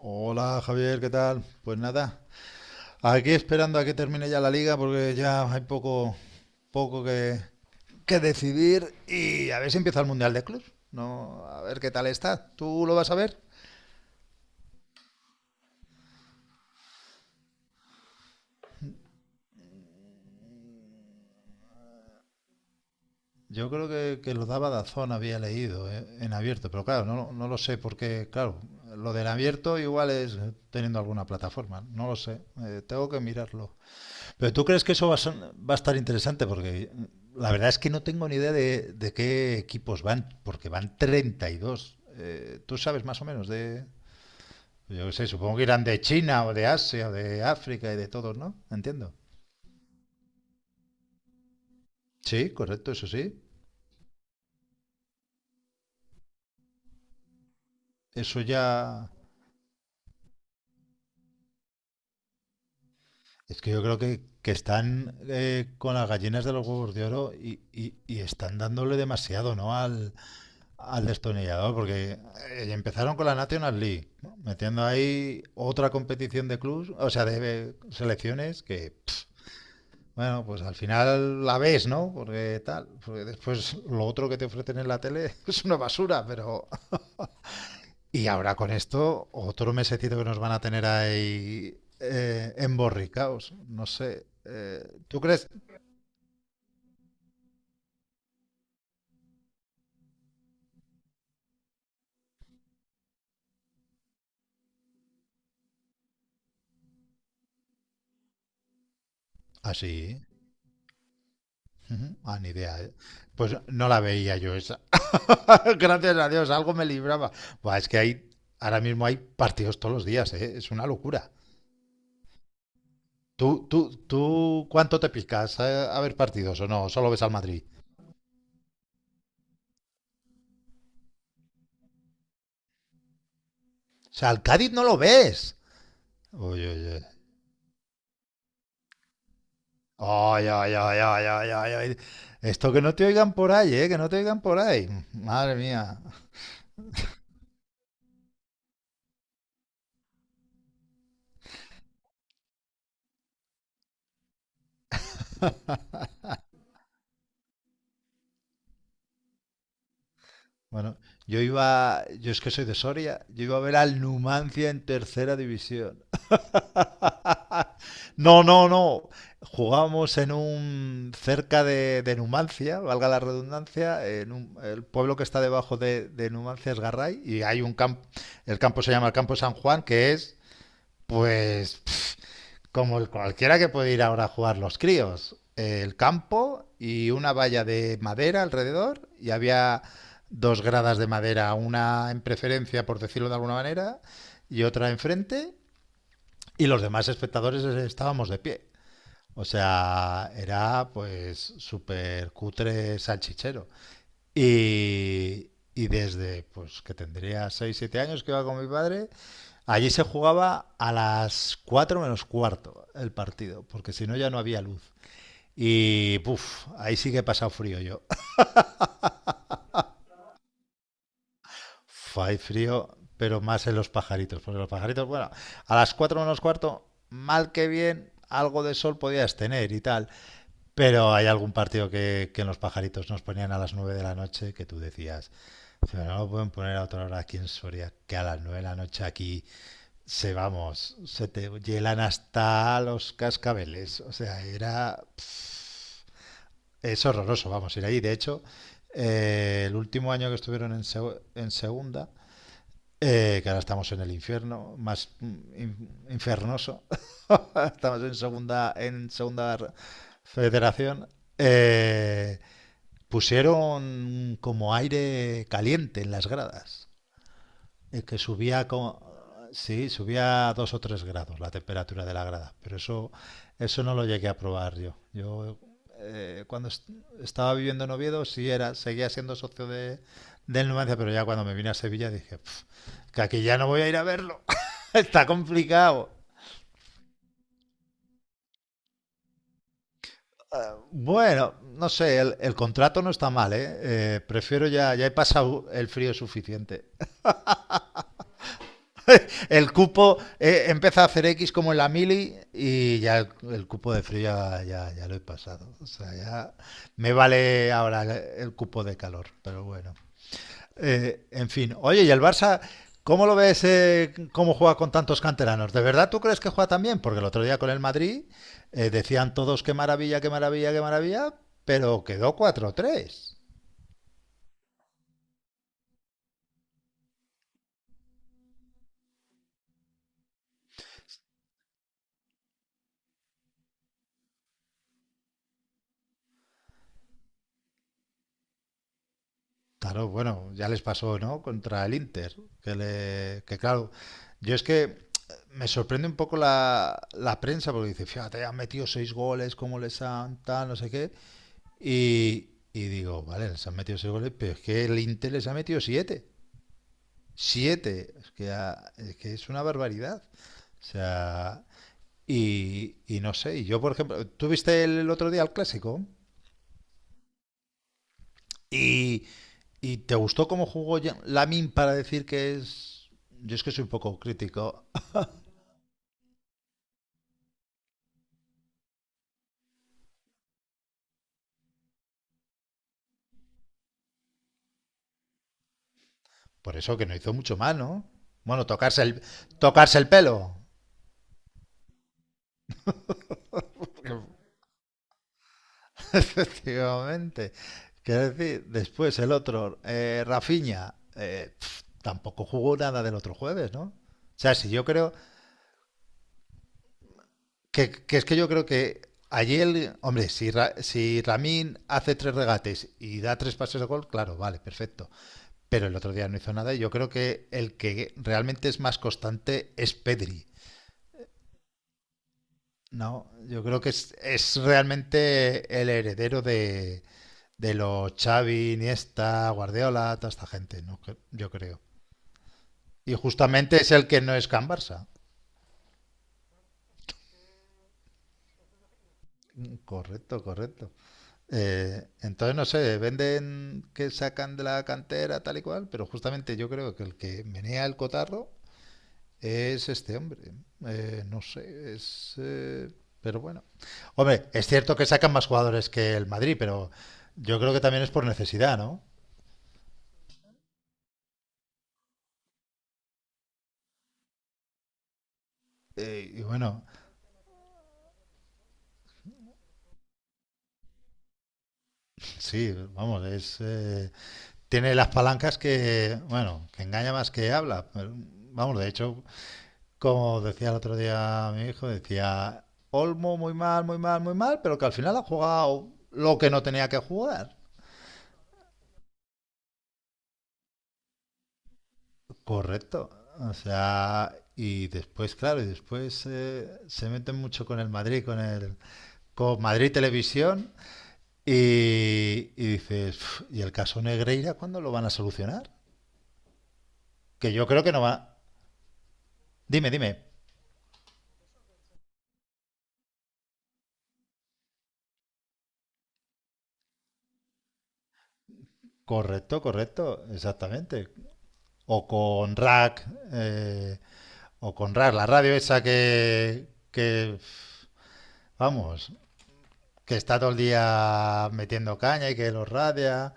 Hola Javier, ¿qué tal? Pues nada, aquí esperando a que termine ya la liga porque ya hay poco que decidir y a ver si empieza el Mundial de Clubs. No, a ver qué tal está. ¿Tú lo vas a ver? Yo creo que lo daba Dazón, había leído en abierto, pero claro, no lo sé porque, claro, lo del abierto igual es teniendo alguna plataforma, no lo sé, tengo que mirarlo. Pero tú crees que eso va a, va a estar interesante porque la verdad es que no tengo ni idea de qué equipos van, porque van 32. ¿Tú sabes más o menos de...? Yo qué sé, supongo que irán de China o de Asia o de África y de todos, ¿no? Entiendo. Sí, correcto, eso sí. Eso ya... Es que yo creo que están con las gallinas de los huevos de oro y están dándole demasiado, ¿no? Al destornillador, porque empezaron con la National League, ¿no? Metiendo ahí otra competición de clubs, o sea, selecciones que, pff, bueno, pues al final la ves, ¿no? Porque tal, porque después lo otro que te ofrecen en la tele es una basura, pero... y ahora con esto, otro mesecito que nos van a tener ahí emborricaos, no sé. ¿Tú crees? Así, Uh -huh. Ah, ni idea. Pues no la veía yo esa. Gracias a Dios, algo me libraba. Buah, ahora mismo hay partidos todos los días, ¿eh? Es una locura. ¿Tú cuánto te picas a ver partidos o no? ¿Solo ves al Madrid? O sea, al Cádiz no lo ves. Uy, uy, uy. Ay, ay, ay, ay, ay, ay, ay. Esto que no te oigan por ahí, ¿eh? Que no te oigan por ahí. Madre mía. Bueno, yo es que soy de Soria, yo iba a ver al Numancia en tercera división. No, no, no. Jugábamos en un cerca de Numancia, valga la redundancia, en el pueblo que está debajo de Numancia es Garray, y hay un campo, el campo se llama el Campo San Juan, que es pues como el cualquiera que puede ir ahora a jugar los críos, el campo y una valla de madera alrededor, y había dos gradas de madera, una en preferencia, por decirlo de alguna manera, y otra enfrente, y los demás espectadores estábamos de pie. O sea, era pues súper cutre salchichero. Y, y desde pues que tendría 6 7 años que iba con mi padre, allí se jugaba a las 4 menos cuarto el partido, porque si no ya no había luz. Y puf, ahí sí que he pasado frío yo. Uf, hay frío, pero más en los pajaritos, porque los pajaritos, bueno, a las 4 menos cuarto, mal que bien, algo de sol podías tener y tal. Pero hay algún partido que en los pajaritos nos ponían a las 9 de la noche, que tú decías, pero no lo pueden poner a otra hora aquí en Soria, que a las 9 de la noche aquí se vamos, se te hielan hasta los cascabeles. O sea, era. Es horroroso, vamos, ir ahí. De hecho, el último año que estuvieron en, seg en segunda, que ahora estamos en el infierno, más in infernoso, estamos en segunda federación. Eh, Pusieron como aire caliente en las gradas, que subía como... Sí, subía a dos o tres grados la temperatura de la grada, pero eso no lo llegué a probar yo. Yo cuando estaba viviendo en Oviedo sí era, seguía siendo socio del Numancia, pero ya cuando me vine a Sevilla dije, "Pf, que aquí ya no voy a ir a verlo. Está complicado." Eh, Bueno, no sé, el contrato no está mal, ¿eh? Prefiero ya, ya he pasado el frío suficiente. El cupo empieza a hacer X como en la mili, y ya el cupo de frío ya lo he pasado. O sea, ya me vale ahora el cupo de calor, pero bueno. En fin, oye, ¿y el Barça cómo lo ves, cómo juega con tantos canteranos? ¿De verdad tú crees que juega tan bien? Porque el otro día con el Madrid decían todos qué maravilla, qué maravilla, qué maravilla, pero quedó cuatro tres. Claro, bueno, ya les pasó, ¿no? Contra el Inter, que claro, yo es que me sorprende un poco la prensa porque dice, fíjate, han metido seis goles, cómo les han tal, no sé qué, y digo, vale, les han metido seis goles, pero es que el Inter les ha metido siete, siete, es que, ah, es que es una barbaridad, o sea, y no sé, y yo por ejemplo, ¿tú viste el otro día el clásico? Y, ¿y te gustó cómo jugó Lamin para decir que es...? Yo es que soy un poco crítico. Por eso que no hizo mucho mal, ¿no? Bueno, tocarse el pelo. Efectivamente. Quiero decir, después el otro, Rafinha, pf, tampoco jugó nada del otro jueves, ¿no? O sea, si yo creo que yo creo que allí el, hombre, si, si Ramín hace tres regates y da tres pases de gol, claro, vale, perfecto. Pero el otro día no hizo nada, y yo creo que el que realmente es más constante es Pedri. No, yo creo que es realmente el heredero de los Xavi, Iniesta, Guardiola, toda esta gente, ¿no? Yo creo. Y justamente es el que no es Can Barça. Correcto, correcto. Entonces, no sé, venden que sacan de la cantera tal y cual, pero justamente yo creo que el que menea el cotarro es este hombre. No sé, es... pero bueno. Hombre, es cierto que sacan más jugadores que el Madrid, pero yo creo que también es por necesidad, ¿no? Y bueno, sí, vamos, es... tiene las palancas que, bueno, que engaña más que habla. Vamos, de hecho, como decía el otro día mi hijo, decía... Olmo muy mal, muy mal, muy mal, pero que al final ha jugado lo que no tenía que jugar. Correcto. O sea, y después, claro, y después se meten mucho con el Madrid, con el con Madrid Televisión, y dices, "Uf, ¿y el caso Negreira cuándo lo van a solucionar?" Que yo creo que no va. Dime, dime. Correcto, correcto, exactamente. O con Rack, eh, o con Rack, la radio esa vamos, que está todo el día metiendo caña y que los radia.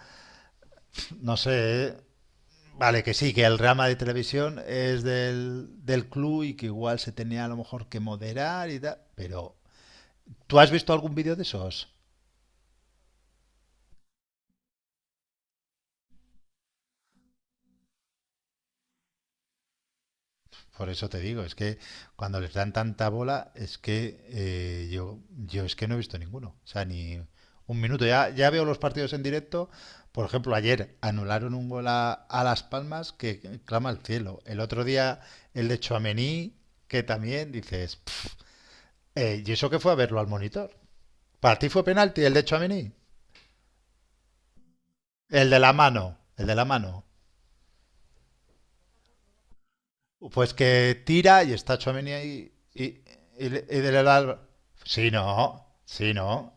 No sé, eh. Vale, que sí, que el rama de televisión es del club, y que igual se tenía a lo mejor que moderar y tal. Pero, ¿tú has visto algún vídeo de esos? Por eso te digo, es que cuando les dan tanta bola, es que yo es que no he visto ninguno. O sea, ni un minuto. Ya, ya veo los partidos en directo. Por ejemplo, ayer anularon un gol a Las Palmas que clama al cielo. El otro día el de Tchouaméni, que también dices, "Pff, ¿y eso que fue a verlo al monitor?" ¿Para ti fue penalti el de Tchouaméni? El de la mano, el de la mano. Pues que tira y está Chomini ahí y de la... Sí, no, sí, no.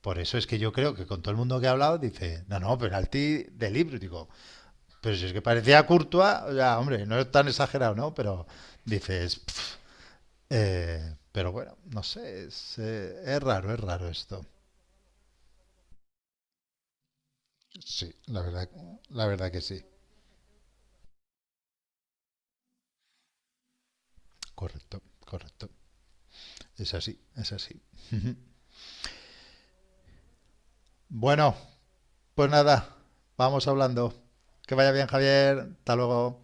Por eso es que yo creo que con todo el mundo que ha hablado dice, no, no, penalti de libro. Digo, pero si es que parecía Courtois, o sea, hombre, no es tan exagerado, ¿no? Pero dices, "Pf". Pero bueno, no sé, es raro esto. Sí, la verdad que sí. Correcto, correcto. Es así, es así. Bueno, pues nada, vamos hablando. Que vaya bien, Javier. Hasta luego.